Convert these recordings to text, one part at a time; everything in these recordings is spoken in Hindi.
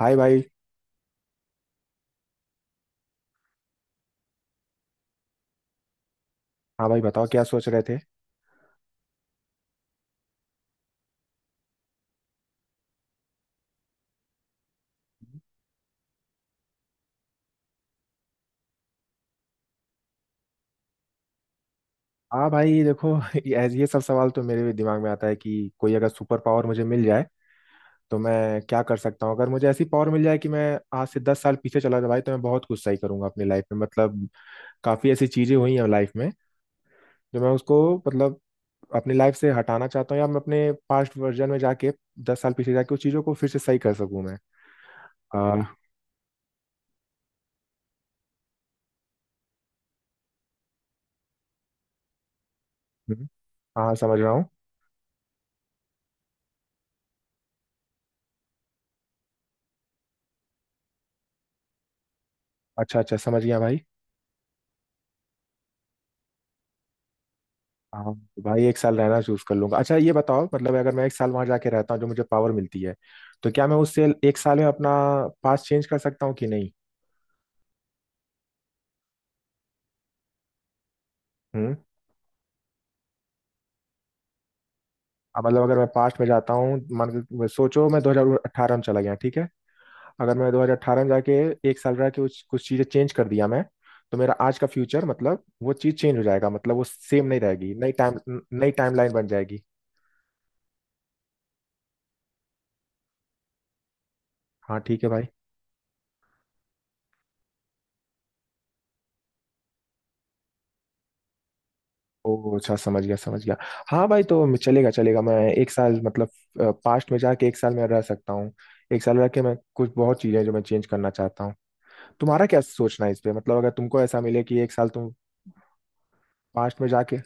हाय भाई। हाँ भाई बताओ क्या सोच रहे थे। हाँ भाई ये देखो। ये सब सवाल तो मेरे भी दिमाग में आता है कि कोई अगर सुपर पावर मुझे मिल जाए तो मैं क्या कर सकता हूँ। अगर मुझे ऐसी पावर मिल जाए कि मैं आज से दस साल पीछे चला जाऊँ भाई तो मैं बहुत कुछ सही करूंगा अपनी लाइफ में। मतलब काफ़ी ऐसी चीज़ें हुई हैं लाइफ में जो मैं उसको, मतलब अपनी लाइफ से हटाना चाहता हूँ, या मैं अपने पास्ट वर्जन में जाके दस साल पीछे जाके उस चीज़ों को फिर से सही कर सकूँ मैं। आ, हम्म, हाँ समझ रहा हूँ। अच्छा अच्छा समझ गया भाई। हाँ तो भाई एक साल रहना चूज कर लूंगा। अच्छा ये बताओ मतलब अगर मैं एक साल वहां जाके रहता हूँ जो मुझे पावर मिलती है तो क्या मैं उससे एक साल में अपना पास्ट चेंज कर सकता हूँ कि नहीं। हम्म। अब मतलब अगर मैं पास्ट में जाता हूँ, मान के सोचो मैं 2018 में चला गया, ठीक है। अगर मैं 2018 में जाके एक साल रह के कुछ चीजें चेंज कर दिया मैं, तो मेरा आज का फ्यूचर मतलब वो चीज चेंज हो जाएगा, मतलब वो सेम नहीं रहेगी। नई टाइम, नई टाइमलाइन बन जाएगी। हाँ ठीक है भाई। ओ अच्छा समझ गया समझ गया। हाँ भाई तो चलेगा चलेगा। मैं एक साल मतलब पास्ट में जाके एक साल मैं रह सकता हूँ। एक साल रह के मैं कुछ बहुत चीज़ें हैं जो मैं चेंज करना चाहता हूँ। तुम्हारा क्या सोचना है इस पे। मतलब अगर तुमको ऐसा मिले कि एक साल तुम पास्ट में जाके।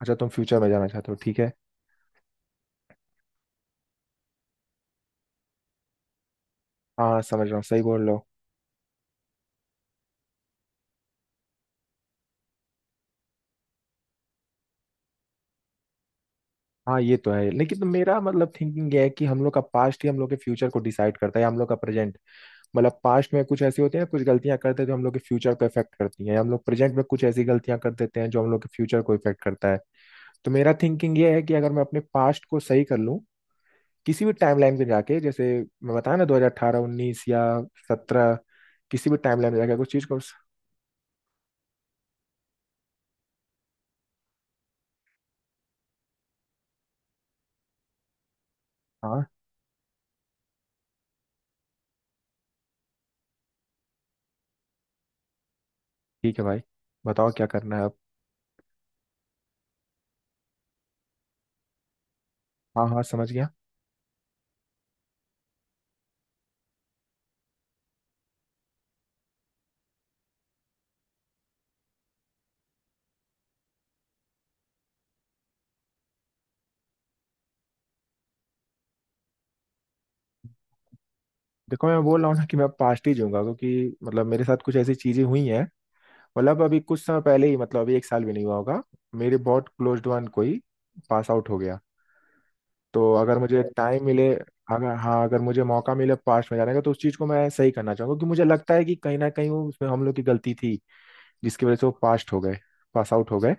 अच्छा तुम फ्यूचर में जाना चाहते हो ठीक है। हाँ समझ रहा हूँ, सही बोल रहे हो। हाँ ये तो है, लेकिन तो मेरा मतलब थिंकिंग ये है कि हम लोग का पास्ट ही हम लोग के फ्यूचर को डिसाइड करता है या हम लोग का प्रेजेंट। मतलब पास्ट में कुछ ऐसी होती है, कुछ गलतियां करते हैं जो हम लोग के फ्यूचर को इफेक्ट करती हैं, या हम लोग प्रेजेंट में कुछ ऐसी गलतियां कर देते हैं जो हम लोग के फ्यूचर को इफेक्ट करता है। तो मेरा थिंकिंग ये है कि अगर मैं अपने पास्ट को सही कर लूं, किसी भी टाइमलाइन पे जाके, जैसे मैं बताया ना 2018, 19 या 17, किसी भी टाइमलाइन पे जाके कुछ चीज़ को। हाँ ठीक है भाई, बताओ क्या करना है अब। हाँ हाँ समझ गया। देखो मैं बोल रहा हूँ ना कि मैं पास्ट ही जाऊंगा क्योंकि मतलब मेरे साथ कुछ ऐसी चीज़ें हुई हैं। मतलब अभी कुछ समय पहले ही, मतलब अभी एक साल भी नहीं हुआ होगा, मेरे बहुत क्लोज्ड वन कोई पास आउट हो गया। तो अगर मुझे अच्छा टाइम मिले, अगर हाँ अगर मुझे मौका मिले पास्ट में जाने का तो उस चीज़ को मैं सही करना चाहूंगा क्योंकि मुझे लगता है कि कहीं ना कहीं वो, उसमें हम लोग की गलती थी जिसकी वजह से वो पास्ट हो गए, पास आउट हो गए,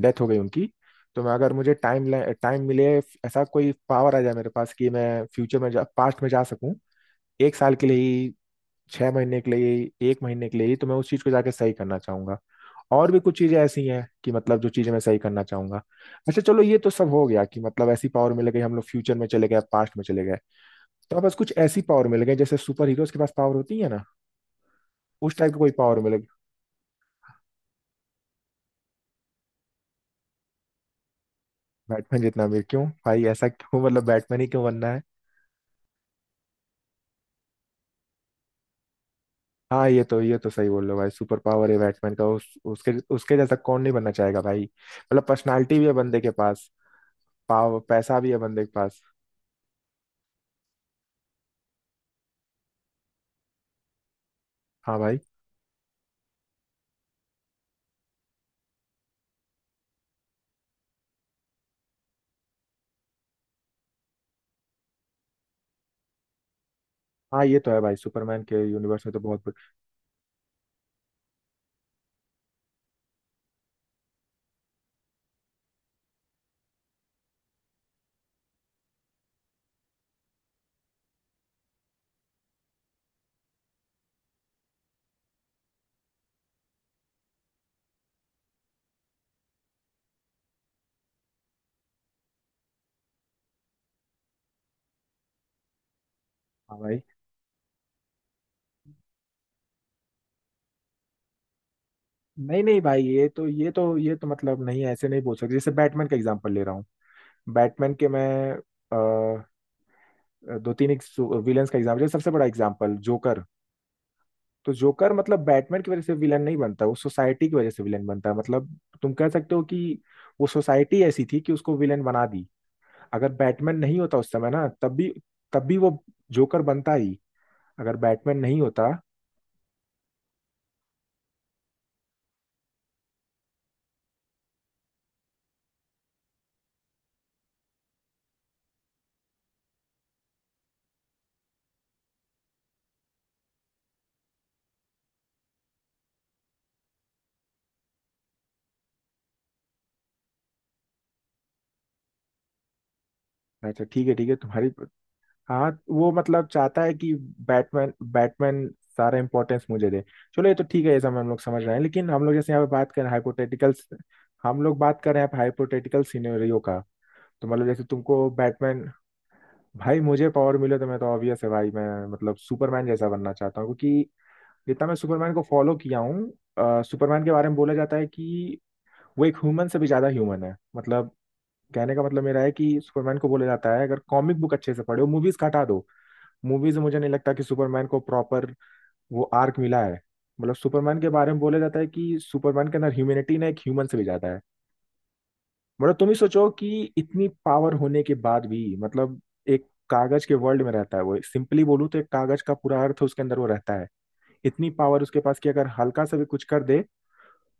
डेथ हो गई उनकी। तो मैं अगर मुझे टाइम टाइम मिले, ऐसा कोई पावर आ जाए मेरे पास कि मैं फ्यूचर में जा, पास्ट में जा सकूं एक साल के लिए ही, छह महीने के लिए ही, एक महीने के लिए ही, तो मैं उस चीज़ को जाके सही करना चाहूंगा। और भी कुछ चीजें ऐसी हैं कि मतलब जो चीजें मैं सही करना चाहूंगा। अच्छा चलो ये तो सब हो गया कि मतलब ऐसी पावर मिल गई, हम लोग फ्यूचर में चले गए, पास्ट में चले गए, तो अब बस कुछ ऐसी पावर मिल गई जैसे सुपर हीरोज के पास पावर होती है ना, उस टाइप की कोई पावर मिल गई। बैटमैन जितना अमीर क्यों भाई, ऐसा क्यों, मतलब बैटमैन ही क्यों बनना है। हाँ ये तो सही बोल रहे हो भाई, सुपर पावर है बैटमैन का। उस, उसके उसके जैसा कौन नहीं बनना चाहेगा भाई, मतलब पर्सनालिटी भी है बंदे के पास, पाव पैसा भी है बंदे के पास। हाँ भाई। हाँ ये तो है भाई, सुपरमैन के यूनिवर्स में तो बहुत। हाँ भाई। नहीं नहीं भाई, ये तो मतलब नहीं, ऐसे नहीं बोल सकते। जैसे बैटमैन का एग्जांपल ले रहा हूँ, बैटमैन के मैं अ, दो तीन विलन्स का एग्जांपल, सबसे बड़ा एग्जांपल जोकर। तो जोकर मतलब बैटमैन की वजह से विलन नहीं बनता, वो सोसाइटी की वजह से विलन बनता है। मतलब तुम कह सकते हो कि वो सोसाइटी ऐसी थी कि उसको विलन बना दी। अगर बैटमैन नहीं होता उस समय ना, तब भी, तब भी वो जोकर बनता ही, अगर बैटमैन नहीं होता। अच्छा ठीक है तुम्हारी। हाँ वो मतलब चाहता है कि बैटमैन, बैटमैन सारा इंपॉर्टेंस मुझे दे। चलो ये तो ठीक है, ये सब हम लोग समझ रहे हैं, लेकिन हम लोग जैसे यहाँ पे बात कर रहे हैं हाइपोथेटिकल, हम लोग बात कर रहे हैं हाइपोथेटिकल सिनेरियो का। तो मतलब जैसे तुमको बैटमैन। भाई मुझे पावर मिले तो मैं, तो ऑब्वियस है भाई मैं मतलब सुपरमैन जैसा बनना चाहता हूँ क्योंकि जितना मैं सुपरमैन को फॉलो किया हूँ, सुपरमैन के बारे में बोला जाता है कि वो एक ह्यूमन से भी ज्यादा ह्यूमन है। मतलब कहने का मतलब मेरा है कि सुपरमैन को बोला जाता है, अगर कॉमिक बुक अच्छे से पढ़ो, मूवीज हटा दो। मूवीज में मुझे नहीं लगता कि सुपरमैन को प्रॉपर वो आर्क मिला है। मतलब सुपरमैन के बारे में बोला जाता है कि सुपरमैन के अंदर ह्यूमैनिटी ना एक ह्यूमन से भी ज्यादा है। मतलब तुम ही सोचो कि इतनी पावर होने के बाद भी मतलब एक कागज के वर्ल्ड में रहता है वो, सिंपली बोलूँ तो एक कागज का पूरा अर्थ उसके अंदर वो रहता है। इतनी पावर उसके पास कि अगर हल्का सा भी कुछ कर दे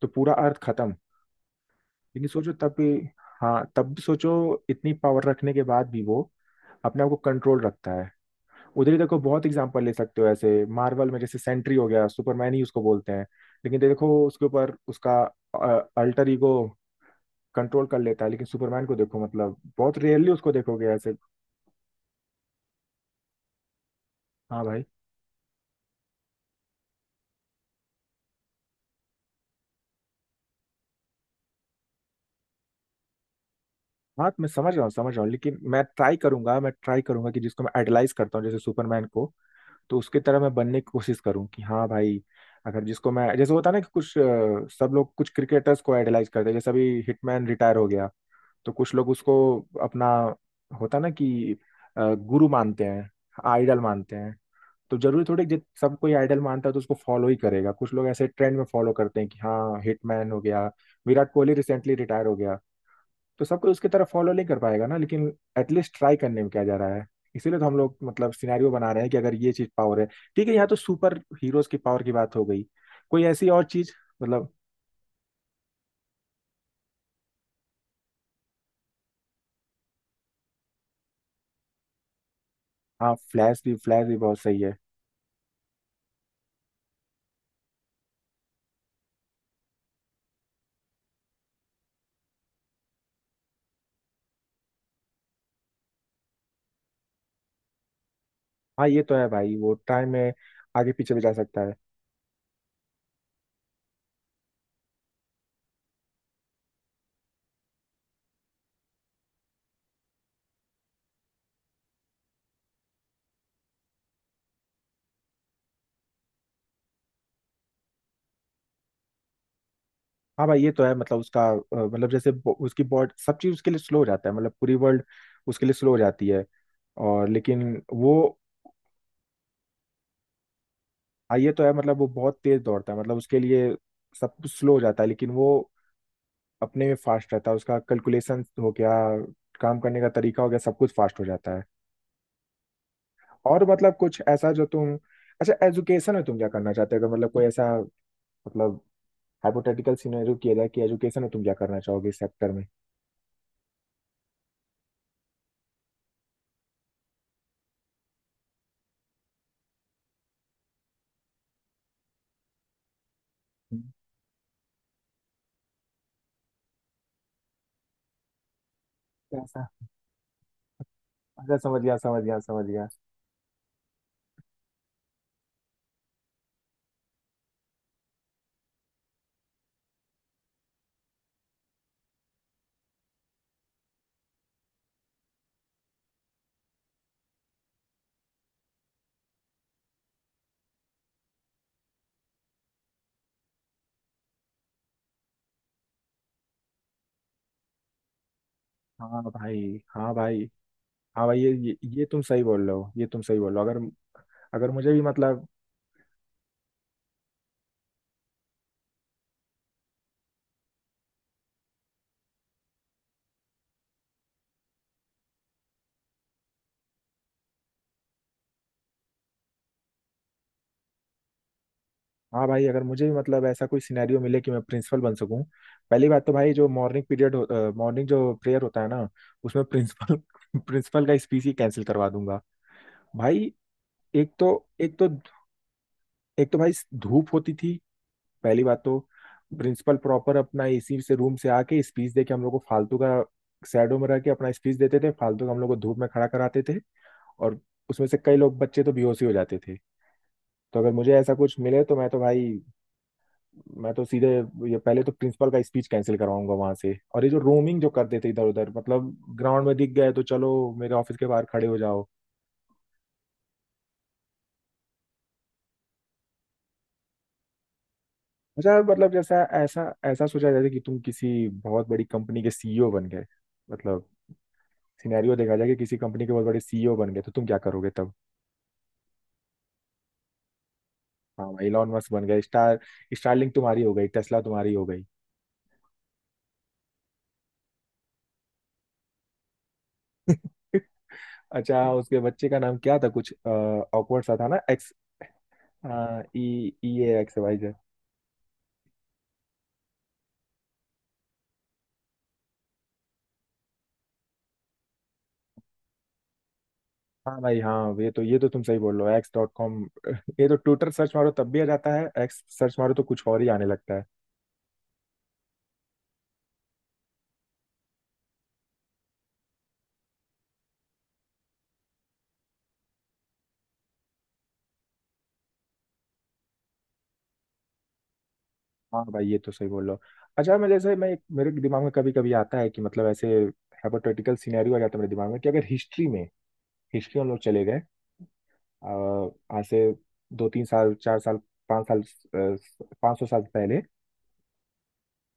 तो पूरा अर्थ खत्म। लेकिन सोचो तब भी, हाँ तब भी सोचो, इतनी पावर रखने के बाद भी वो अपने आप को कंट्रोल रखता है। उधर ही देखो, बहुत एग्जांपल ले सकते हो ऐसे, मार्वल में जैसे सेंट्री हो गया, सुपरमैन ही उसको बोलते हैं। लेकिन देखो उसके ऊपर उसका अल्टर ईगो कंट्रोल कर लेता है, लेकिन सुपरमैन को देखो मतलब बहुत रेयरली उसको देखोगे ऐसे। हाँ भाई। हाँ तो मैं समझ रहा हूँ, समझ रहा हूँ लेकिन मैं ट्राई करूंगा, मैं ट्राई करूंगा कि जिसको मैं आइडलाइज करता हूँ जैसे सुपरमैन को, तो उसकी तरह मैं बनने की कोशिश करूँ, कि हाँ भाई अगर जिसको मैं, जैसे होता है ना कि कुछ सब लोग कुछ क्रिकेटर्स को आइडलाइज करते हैं, जैसे अभी हिटमैन रिटायर हो गया तो कुछ लोग उसको अपना, होता ना कि गुरु मानते हैं, आइडल मानते हैं। तो जरूरी थोड़ी कि जब सब कोई आइडल मानता है तो उसको फॉलो ही करेगा। कुछ लोग ऐसे ट्रेंड में फॉलो करते हैं कि हाँ हिटमैन हो गया, विराट कोहली रिसेंटली रिटायर हो गया। तो सब कोई उसकी तरह फॉलो नहीं कर पाएगा ना, लेकिन एटलीस्ट ट्राई करने में क्या जा रहा है। इसीलिए तो हम लोग मतलब सिनेरियो बना रहे हैं कि अगर ये चीज पावर है। ठीक है, यहाँ तो सुपर हीरोज की पावर की बात हो गई, कोई ऐसी और चीज मतलब। हाँ फ्लैश भी, फ्लैश भी बहुत सही है। हाँ ये तो है भाई, वो टाइम में आगे पीछे भी जा सकता है। हाँ भाई ये तो है, मतलब उसका मतलब जैसे उसकी बॉडी, सब चीज उसके लिए स्लो हो जाता है, मतलब पूरी वर्ल्ड उसके लिए स्लो हो जाती है। और लेकिन वो, हाँ ये तो है, मतलब वो बहुत तेज दौड़ता है, मतलब उसके लिए सब कुछ स्लो हो जाता है लेकिन वो अपने में फास्ट रहता है। उसका कैलकुलेशन हो गया, काम करने का तरीका हो गया, सब कुछ फास्ट हो जाता है। और मतलब कुछ ऐसा जो तुम, अच्छा एजुकेशन में तुम क्या करना चाहते हो, अगर मतलब कोई ऐसा मतलब हाइपोथेटिकल सिनेरियो किया जाए कि एजुकेशन में तुम क्या करना चाहोगे इस सेक्टर में। हम्म, ऐसा। अच्छा समझ गया समझ गया समझ गया। हाँ भाई। हाँ भाई। हाँ भाई ये तुम सही बोल रहे हो, ये तुम सही बोल रहे हो अगर, अगर मुझे भी मतलब। हाँ भाई अगर मुझे भी मतलब ऐसा कोई सिनेरियो मिले कि मैं प्रिंसिपल बन सकूं, पहली बात तो भाई जो मॉर्निंग पीरियड, मॉर्निंग जो प्रेयर होता है ना उसमें प्रिंसिपल प्रिंसिपल का स्पीच ही कैंसिल करवा दूंगा। भाई एक तो, एक तो, एक तो भाई धूप होती थी। पहली बात तो प्रिंसिपल प्रॉपर अपना एसी से रूम से आके स्पीच दे के हम लोग को फालतू का, शैडो में रह के अपना स्पीच देते थे, फालतू का हम लोग को धूप में खड़ा कराते थे, और उसमें से कई लोग बच्चे तो बेहोश ही हो जाते थे। तो अगर मुझे ऐसा कुछ मिले तो मैं तो भाई, मैं तो सीधे ये पहले तो प्रिंसिपल का स्पीच कैंसिल करवाऊंगा वहां से। और ये जो रोमिंग जो करते थे इधर उधर, मतलब ग्राउंड में दिख गए तो चलो मेरे ऑफिस के बाहर खड़े हो जाओ। अच्छा मतलब जैसा ऐसा ऐसा सोचा जाए कि तुम किसी बहुत बड़ी कंपनी के सीईओ बन गए। मतलब, सिनेरियो देखा जाए कि किसी कंपनी के बहुत बड़े सीईओ बन गए तो तुम क्या करोगे तब? हाँ भाई, इलॉन मस्क बन गए। स्टारलिंक तुम्हारी हो गई, टेस्ला तुम्हारी हो गई। अच्छा, उसके बच्चे का नाम क्या था? कुछ ऑकवर्ड सा था ना, X E. E X Y. हाँ भाई, हाँ, ये तो तुम सही बोल रहे हो, एक्स डॉट कॉम ये तो ट्विटर सर्च मारो तब भी आ जाता है, एक्स सर्च मारो तो कुछ और ही आने लगता है। हाँ भाई, ये तो सही बोल रहे हो। अच्छा, मैं जैसे मैं मेरे दिमाग में कभी कभी आता है कि मतलब ऐसे हाइपोथेटिकल सिनेरियो आ जाता है मेरे दिमाग में कि अगर हिस्ट्री हम लोग चले गए, अ, आज से 2-3 साल, 4 साल, 5 साल, 500 साल पहले,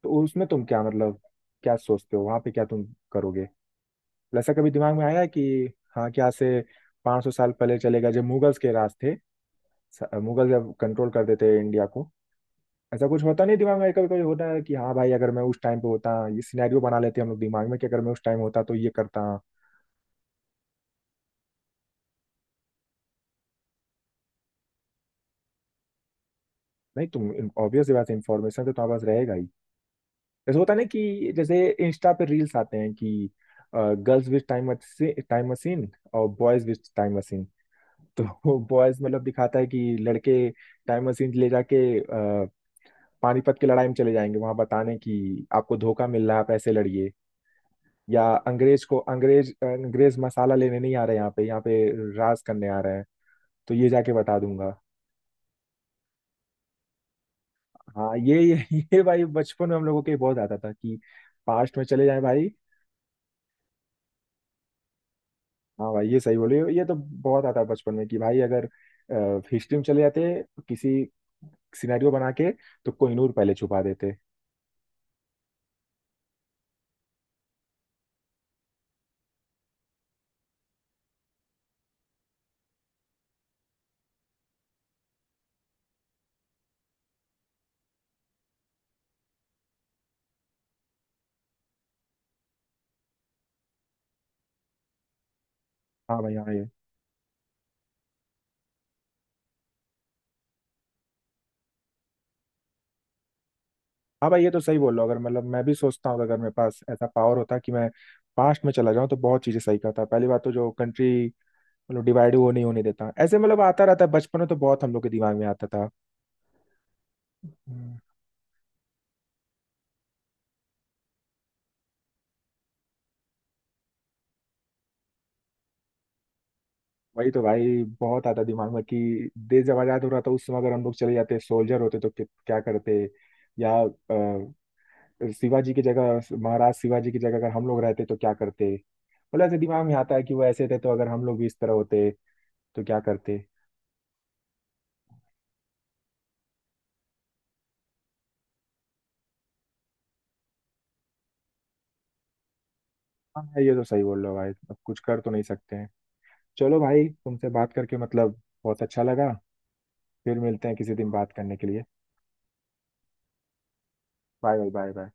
तो उसमें तुम क्या, मतलब क्या सोचते हो, वहाँ पे क्या तुम करोगे? ऐसा कभी दिमाग में आया है कि हाँ, क्या से 500 साल पहले चले गए जब मुगल्स के राज थे। मुगल जब कंट्रोल कर देते इंडिया को, ऐसा कुछ होता नहीं दिमाग में? कभी कभी होता है कि हाँ भाई, अगर मैं उस टाइम पे होता, ये सिनेरियो बना लेते हम लोग दिमाग में कि अगर मैं उस टाइम होता तो ये करता। नहीं, तुम, ऑब्वियस बात है, इन्फॉर्मेशन तो तुम्हारे पास रहेगा ही। जैसे होता है ना कि जैसे इंस्टा पे रील्स आते हैं कि girls with time, time machine, और बॉयज विथ टाइम मशीन। तो बॉयज, मतलब दिखाता है कि लड़के टाइम मशीन ले जाके पानीपत की लड़ाई में चले जाएंगे, वहां बताने कि आपको धोखा मिल रहा है, आप ऐसे लड़िए। या अंग्रेज को अंग्रेज अंग्रेज मसाला लेने नहीं आ रहे, यहाँ पे, यहाँ पे राज करने आ रहे हैं, तो ये जाके बता दूंगा। हाँ, ये भाई, बचपन में हम लोगों के बहुत आता था कि पास्ट में चले जाए भाई। हाँ भाई, ये सही बोले हो, ये तो बहुत आता बचपन में कि भाई अगर हिस्ट्री में चले जाते, किसी सिनेरियो बना के, तो कोहिनूर पहले छुपा देते। हाँ भाई हाँ ये हाँ भाई, ये तो सही बोल रहे हो। अगर, मतलब, मैं भी सोचता हूँ कि अगर मेरे पास ऐसा पावर होता कि मैं पास्ट में चला जाऊँ तो बहुत चीजें सही करता। पहली बात तो, जो कंट्री, मतलब, डिवाइड, वो नहीं होने देता। ऐसे मतलब आता रहता है बचपन में, तो बहुत हम लोग के दिमाग में आता था। हम्म। वही तो भाई, बहुत आता दिमाग में कि देश जब आजाद हो रहा था उस समय अगर हम लोग चले जाते, सोल्जर होते, तो क्या करते। या शिवाजी की जगह महाराज शिवाजी की जगह अगर हम लोग रहते तो क्या करते, मतलब ऐसे दिमाग में आता है कि वो ऐसे थे, तो अगर हम लोग भी इस तरह होते तो क्या करते। हाँ, ये तो सही बोल रहे हो भाई, अब कुछ कर तो नहीं सकते हैं। चलो भाई, तुमसे बात करके मतलब बहुत अच्छा लगा। फिर मिलते हैं किसी दिन बात करने के लिए। Bye bye, bye bye.